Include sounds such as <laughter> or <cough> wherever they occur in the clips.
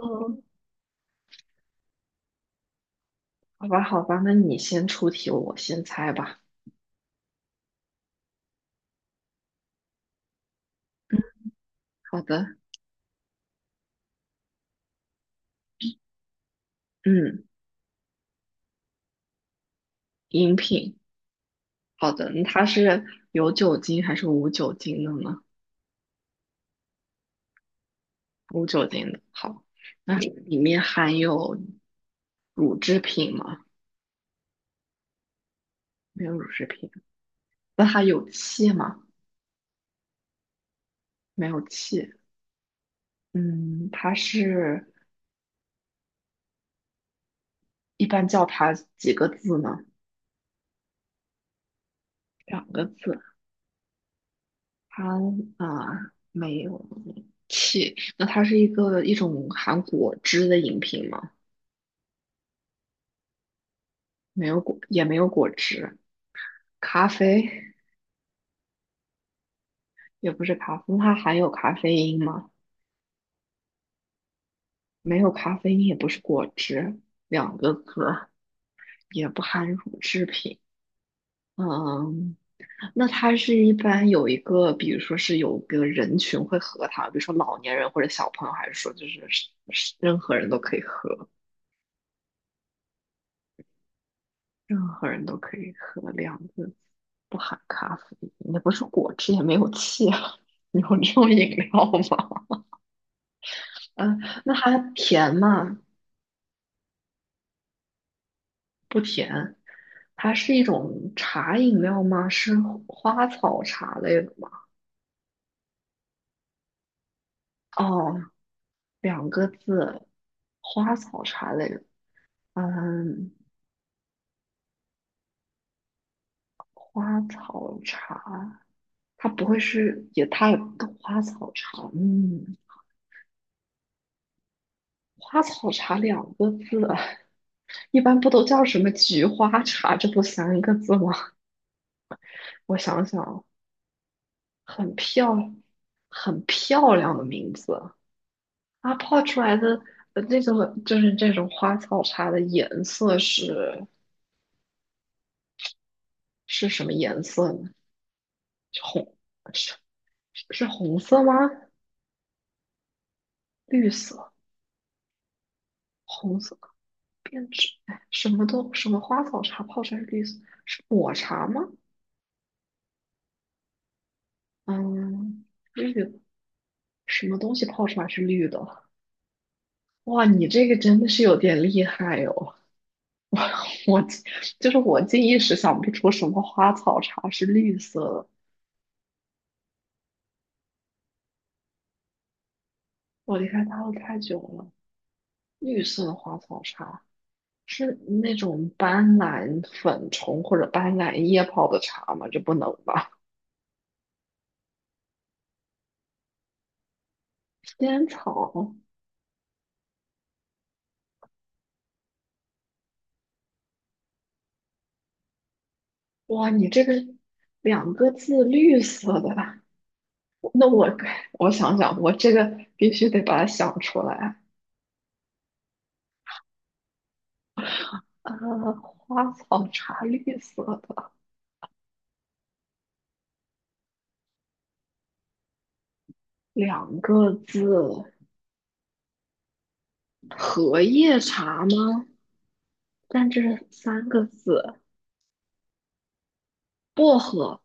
哦，好吧，好吧，那你先出题，我先猜吧。好的，嗯，饮品，好的，那它是有酒精还是无酒精的呢？无酒精的，好，那里面含有乳制品吗？没有乳制品，那它有气吗？没有气，嗯，它是一般叫它几个字呢？两个字，它啊，没有气，那它是一种含果汁的饮品吗？没有果，也没有果汁，咖啡也不是咖啡，它含有咖啡因吗？没有咖啡因，也不是果汁，两个字，也不含乳制品。嗯，那它是一般有一个，比如说是有个人群会喝它，比如说老年人或者小朋友，还是说就是是任何人都可以喝，任何人都可以喝，两个字，不含咖啡因，也不是果汁，也没有气啊，<laughs> 有这种饮料吗？嗯，那它甜吗？不甜，它是一种茶饮料吗？是花草茶类的吗？哦，两个字，花草茶类的，嗯，花草茶，它不会是也它也花草茶，嗯，花草茶两个字，一般不都叫什么菊花茶？这不三个字吗？我想想，很漂很漂亮的名字。它泡出来的那种就是这种花草茶的颜色是是什么颜色呢？是红是是红色吗？绿色、红色变质，哎，什么花草茶泡出来是绿色，是抹茶吗？嗯，绿的，什么东西泡出来是绿的？哇，你这个真的是有点厉害哦！<laughs> 我我就是我竟一时想不出什么花草茶是绿色的，我离开大陆太久了。绿色花草茶是那种斑斓粉虫或者斑斓叶泡的茶吗？这不能吧？仙草，哇，你这个两个字绿色的，那我我想想，我这个必须得把它想出来。呃，花草茶绿色的，两个字，荷叶茶吗？但这是三个字，薄荷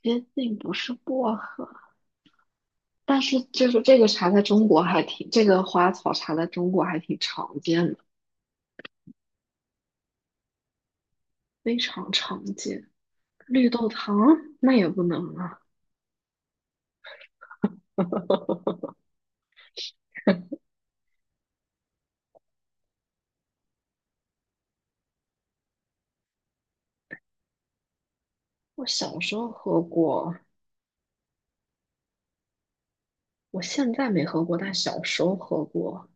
接近不是薄荷。但是就是这个茶在中国还挺，这个花草茶在中国还挺常见的，非常常见。绿豆汤那也不能啊，<laughs> 我小时候喝过，我现在没喝过，但小时候喝过。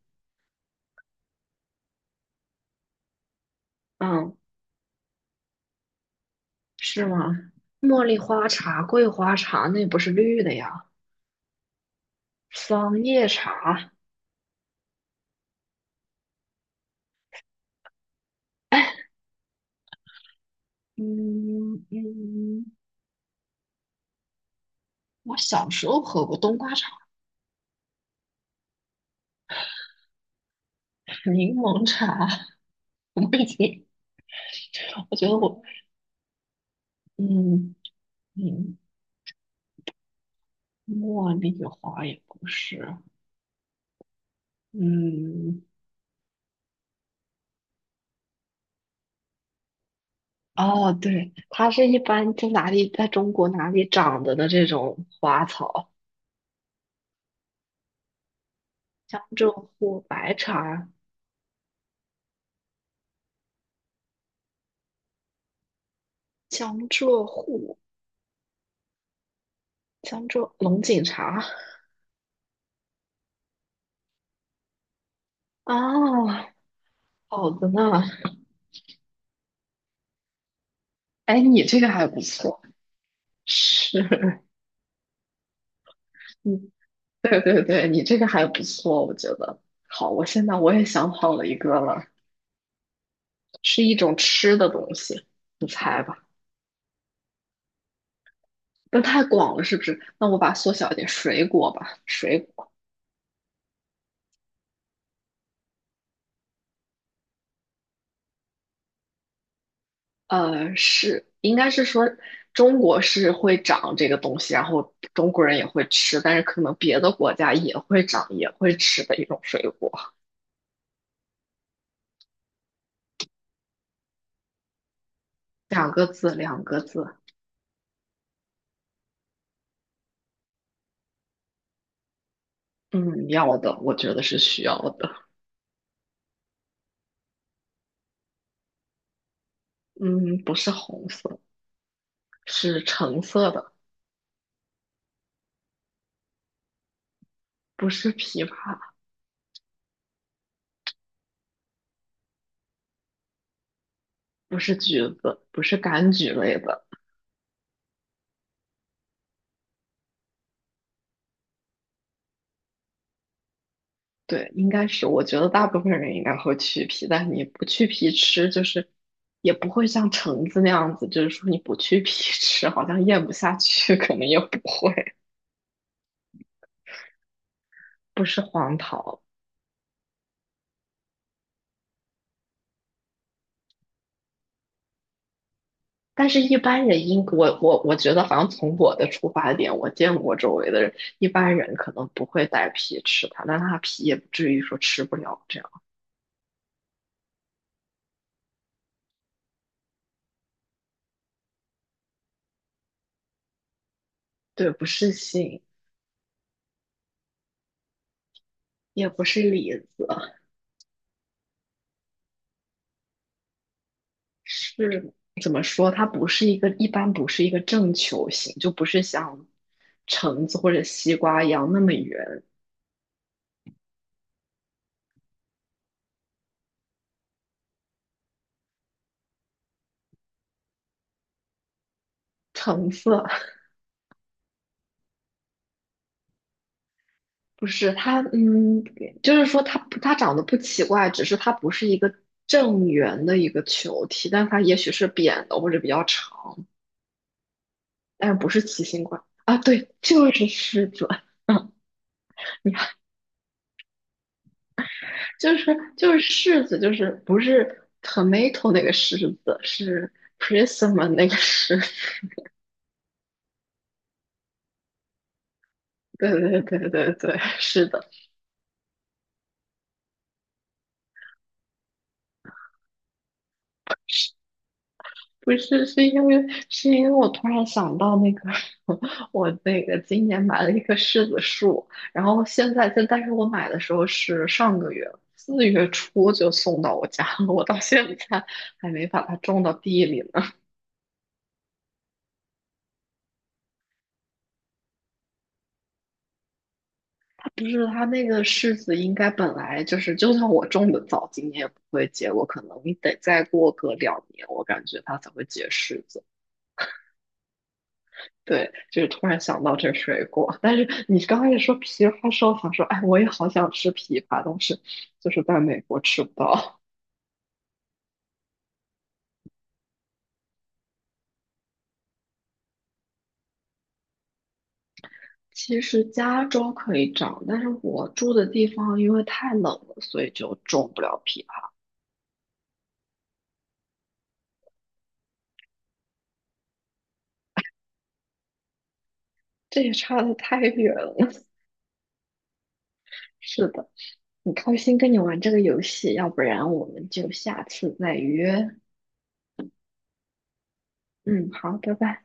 嗯，是吗？茉莉花茶、桂花茶那不是绿的呀？桑叶茶，哎，嗯嗯，我小时候喝过冬瓜茶、柠檬茶，<laughs> 我已经，我觉得我，嗯。嗯，茉莉花也不是，嗯，哦，对，它是一般在哪里，在中国哪里长的这种花草，江浙沪白茶，江浙沪，江浙龙井茶，啊，好的呢，哎，你这个还不错，是，<laughs> 嗯，对对对，你这个还不错，我觉得，好，我现在我也想好了一个了，是一种吃的东西，你猜吧。那太广了，是不是？那我把它缩小一点，水果吧，水果，是应该是说中国是会长这个东西，然后中国人也会吃，但是可能别的国家也会长，也会吃的一种水果。两个字，两个字，嗯，要的，我觉得是需要的，嗯，不是红色，是橙色的，不是枇杷，不是橘子，不是柑橘类的。对，应该是，我觉得大部分人应该会去皮，但你不去皮吃，就是也不会像橙子那样子，就是说你不去皮 <laughs> 吃，好像咽不下去，可能也不会，不是黄桃。但是，一般人应我觉得，好像从我的出发点，我见过周围的人，一般人可能不会带皮吃它，但它皮也不至于说吃不了这样。对，不是杏，也不是李子。是怎么说？它不是一个，一般不是一个正球形，就不是像橙子或者西瓜一样那么圆。橙色 <laughs> 不是它，嗯，就是说它长得不奇怪，只是它不是一个正圆的一个球体，但它也许是扁的或者比较长，但是不是奇形怪啊。对，就是柿子。<laughs> 嗯，你看，就是就是柿子，就是不是 tomato 那个柿子，是 prism 那个柿子。<laughs> 对对对对对，是的，不是是因为是因为我突然想到那个 <laughs> 我那个今年买了一棵柿子树，然后现在但是我买的时候是上个月4月初就送到我家了，我到现在还没把它种到地里呢。<laughs> 不是它那个柿子应该本来就是，就算我种的早，今年也不会结果，可能你得再过个2年，我感觉它才会结柿子。对，就是突然想到这个水果，但是你刚开始说枇杷的时候，想说，哎，我也好想吃枇杷，但是就是在美国吃不到。<laughs> 其实加州可以长，但是我住的地方因为太冷了，所以就种不了枇杷。这也差的太远了。<laughs> 是的，很开心跟你玩这个游戏，要不然我们就下次再约。嗯，好，拜拜。